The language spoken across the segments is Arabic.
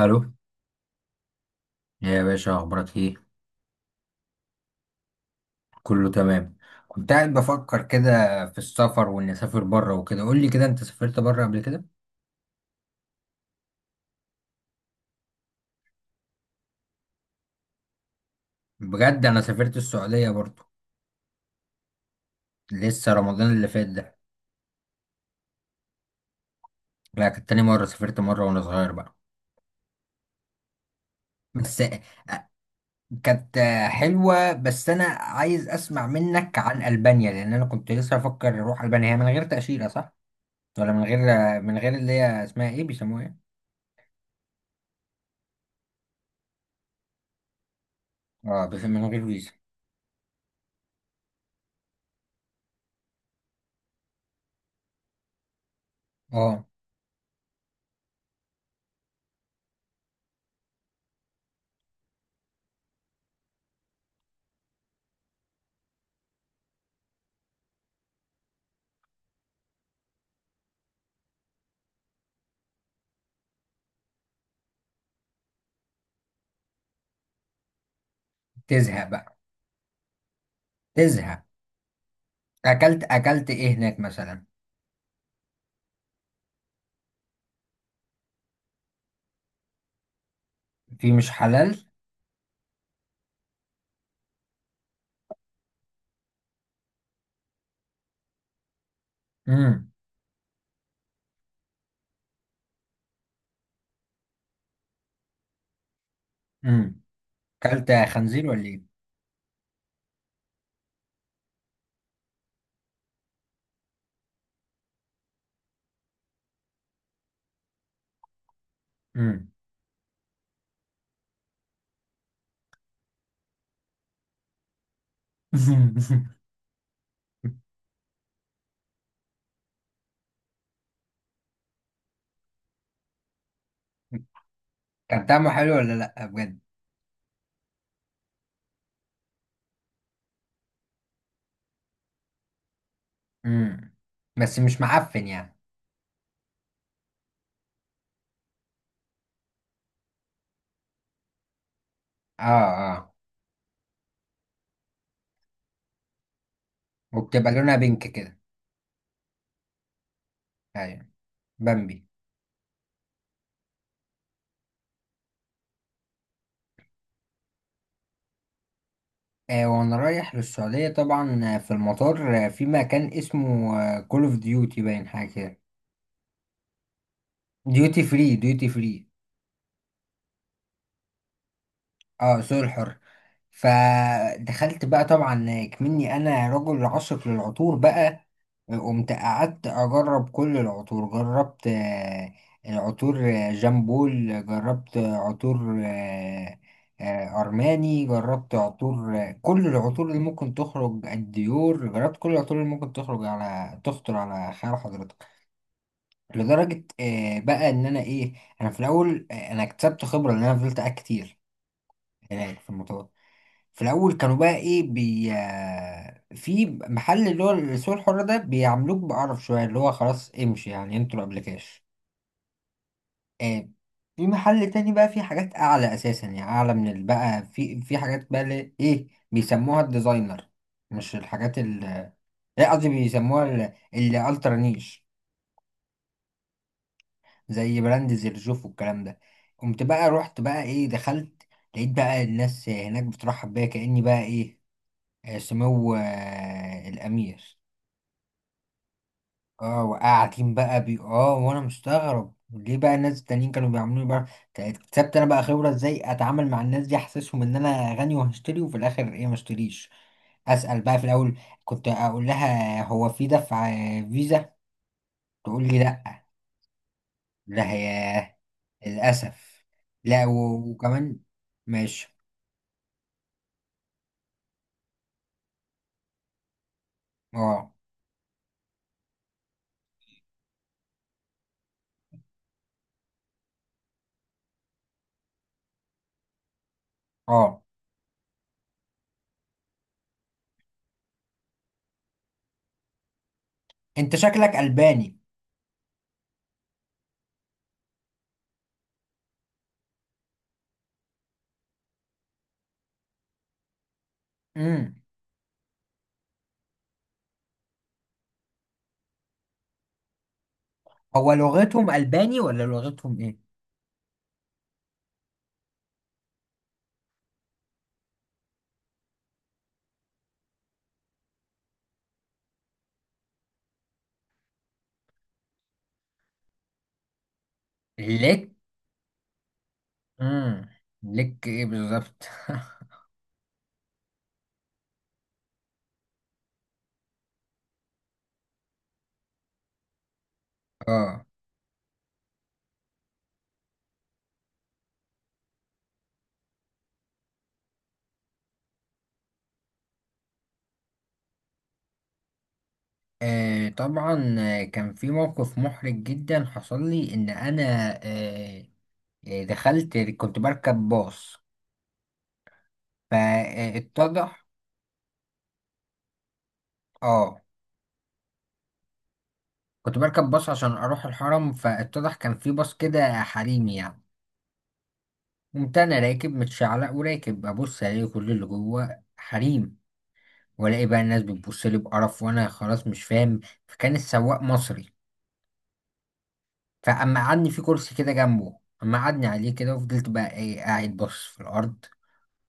الو، يا باشا اخبارك ايه؟ كله تمام. كنت قاعد بفكر كده في السفر واني اسافر بره وكده. قول لي كده، انت سافرت بره قبل كده؟ بجد انا سافرت السعوديه برضو. لسه رمضان اللي فات ده. لا، كانت تاني مره، سافرت مره وانا صغير بقى. بس كانت حلوه. بس انا عايز اسمع منك عن البانيا، لان انا كنت لسه افكر اروح البانيا. هي من غير تاشيره صح؟ ولا من غير من غير اللي هي اسمها ايه، بيسموها ايه؟ اه، بس من غير فيزا. اه. تزهق بقى. تزهق. اكلت اكلت ايه هناك مثلا؟ في مش حلال؟ امم امم اكلت خنزير ولا ايه؟ امم كان طعمه حلو ولا لا بجد؟ امم بس مش معفن يعني. اه. اه. وبتبقى لونها بينك كده. ايوه. بامبي. آه، وانا رايح للسعوديه طبعا، في المطار، في مكان اسمه كول اوف ديوتي باين حاجه كده. ديوتي فري، ديوتي فري. اه، سوق الحر. فدخلت بقى طبعا، كمني انا رجل عاشق للعطور بقى. قمت قعدت اجرب كل العطور، جربت العطور، جامبول، جربت عطور ارماني، جربت عطور كل العطور اللي ممكن تخرج، الديور، جربت كل العطور اللي ممكن تخرج على تخطر على خيال حضرتك. لدرجة بقى ان انا ايه، انا في الاول انا اكتسبت خبرة ان انا فضلت قاعد كتير هناك في المطار. في الاول كانوا بقى ايه بي في محل اللي هو السوق الحر ده بيعاملوك بقرف شويه، اللي هو خلاص امشي يعني، انتوا قبل كاش. آه. في محل تاني بقى فيه حاجات اعلى اساسا، يعني اعلى من بقى في حاجات بقى اللي ايه بيسموها الديزاينر، مش الحاجات ال، لا قصدي بيسموها الالترا نيش. زي براند زرجوف والكلام ده. قمت بقى رحت بقى ايه، دخلت، لقيت بقى الناس هناك بترحب بيا كأني بقى ايه، سمو الامير. اه، وقاعدين بقى بي، اه، وانا مستغرب ليه بقى الناس التانيين كانوا بيعملوني بقى. اكتسبت انا بقى خبرة ازاي اتعامل مع الناس دي، احسسهم ان انا غني وهشتري وفي الاخر ايه ما اشتريش. اسأل بقى في الاول، كنت اقول لها هو في دفع فيزا، تقول لي لا. لا هي للاسف. لا، وكمان. ماشي. اه. اه. انت شكلك الباني. امم. هو لغتهم الباني ولا لغتهم ايه؟ ليك. امم. ليك ايه بالظبط؟ اه. آه، طبعا، كان في موقف محرج جدا حصل لي ان انا، آه، دخلت كنت بركب باص، فاتضح. اه. كنت بركب باص عشان اروح الحرم، فاتضح كان في باص كده حريم يعني. قمت انا راكب متشعلق وراكب ابص، الاقي كل اللي جوه حريم، والاقي بقى الناس بتبص لي بقرف وانا خلاص مش فاهم. فكان السواق مصري، فاما قعدني في كرسي كده جنبه، اما قعدني عليه كده، وفضلت بقى ايه قاعد باصص في الارض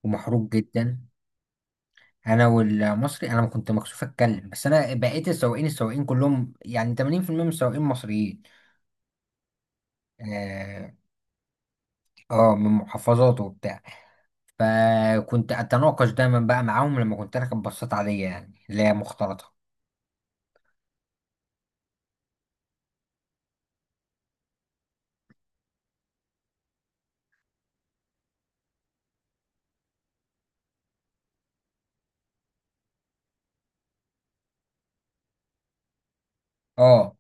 ومحروق جدا. انا والمصري، انا ما كنت مكسوف اتكلم. بس انا بقيت، السواقين كلهم يعني 80% من السواقين مصريين. اه. من محافظات وبتاع. فكنت اتناقش دايما بقى معاهم لما كنت راكب باصات عاديه يعني، اللي هي مختلطه. اه.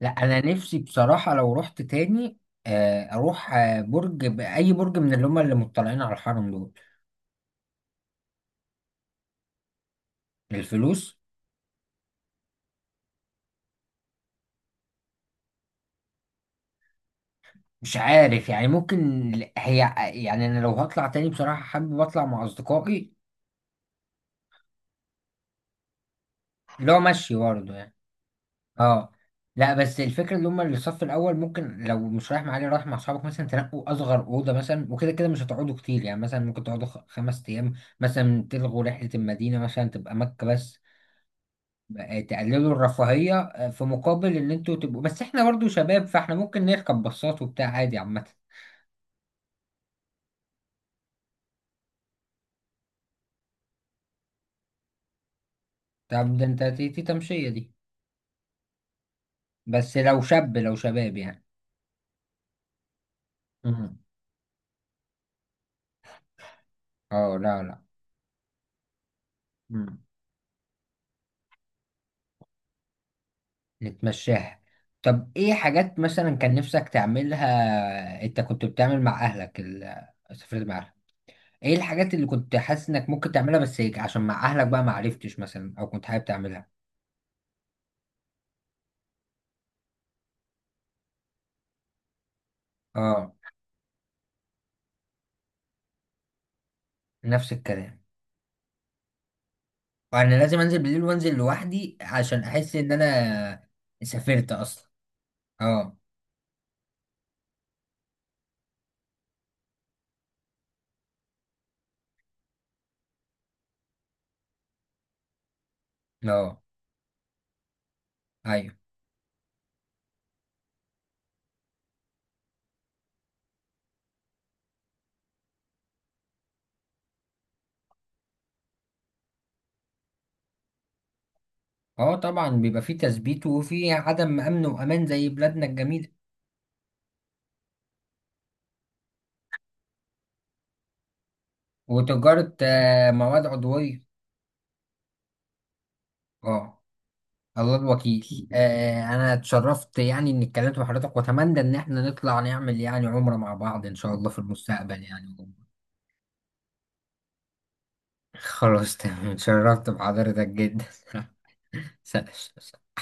لا، انا نفسي بصراحه لو رحت تاني، اروح برج اي برج من اللي هم اللي مطلعين على الحرم دول. الفلوس. مش عارف يعني، ممكن هي، يعني انا لو هطلع تاني بصراحة حابب اطلع مع اصدقائي. اللي هو مشي برضه يعني. اه. لا، بس الفكره اللي هم اللي الصف الاول، ممكن لو مش رايح مع علي، رايح مع اصحابك مثلا، تنقوا اصغر اوضه مثلا، وكده كده مش هتقعدوا كتير يعني، مثلا ممكن تقعدوا خمس ايام مثلا، تلغوا رحله المدينه مثلا، تبقى مكه بس، تقللوا الرفاهيه في مقابل ان انتوا تبقوا، بس احنا برضه شباب، فاحنا ممكن نركب باصات وبتاع عادي عامه. طب ده انت تي تي تمشيه دي؟ بس لو شاب، لو شباب يعني. مم. اه لا لا. مم. نتمشاها. طب ايه حاجات مثلا كان نفسك تعملها، انت كنت بتعمل مع اهلك ال، سافرت مع اهلك، ايه الحاجات اللي كنت حاسس انك ممكن تعملها بس هيك، عشان مع اهلك بقى ما عرفتش مثلا، او كنت حابب تعملها؟ اه. نفس الكلام. وانا لازم انزل بالليل وانزل لوحدي عشان احس ان انا سافرت اصلا. اه. اه. ايوه. اه طبعا، بيبقى فيه تثبيت وفيه عدم امن وامان زي بلادنا الجميله. وتجاره مواد عضويه. اه. الله الوكيل. آه، انا اتشرفت يعني اني اتكلمت مع حضرتك، واتمنى ان احنا نطلع نعمل يعني عمرة مع بعض ان شاء الله في المستقبل يعني. خلاص تمام، اتشرفت بحضرتك جدا. س-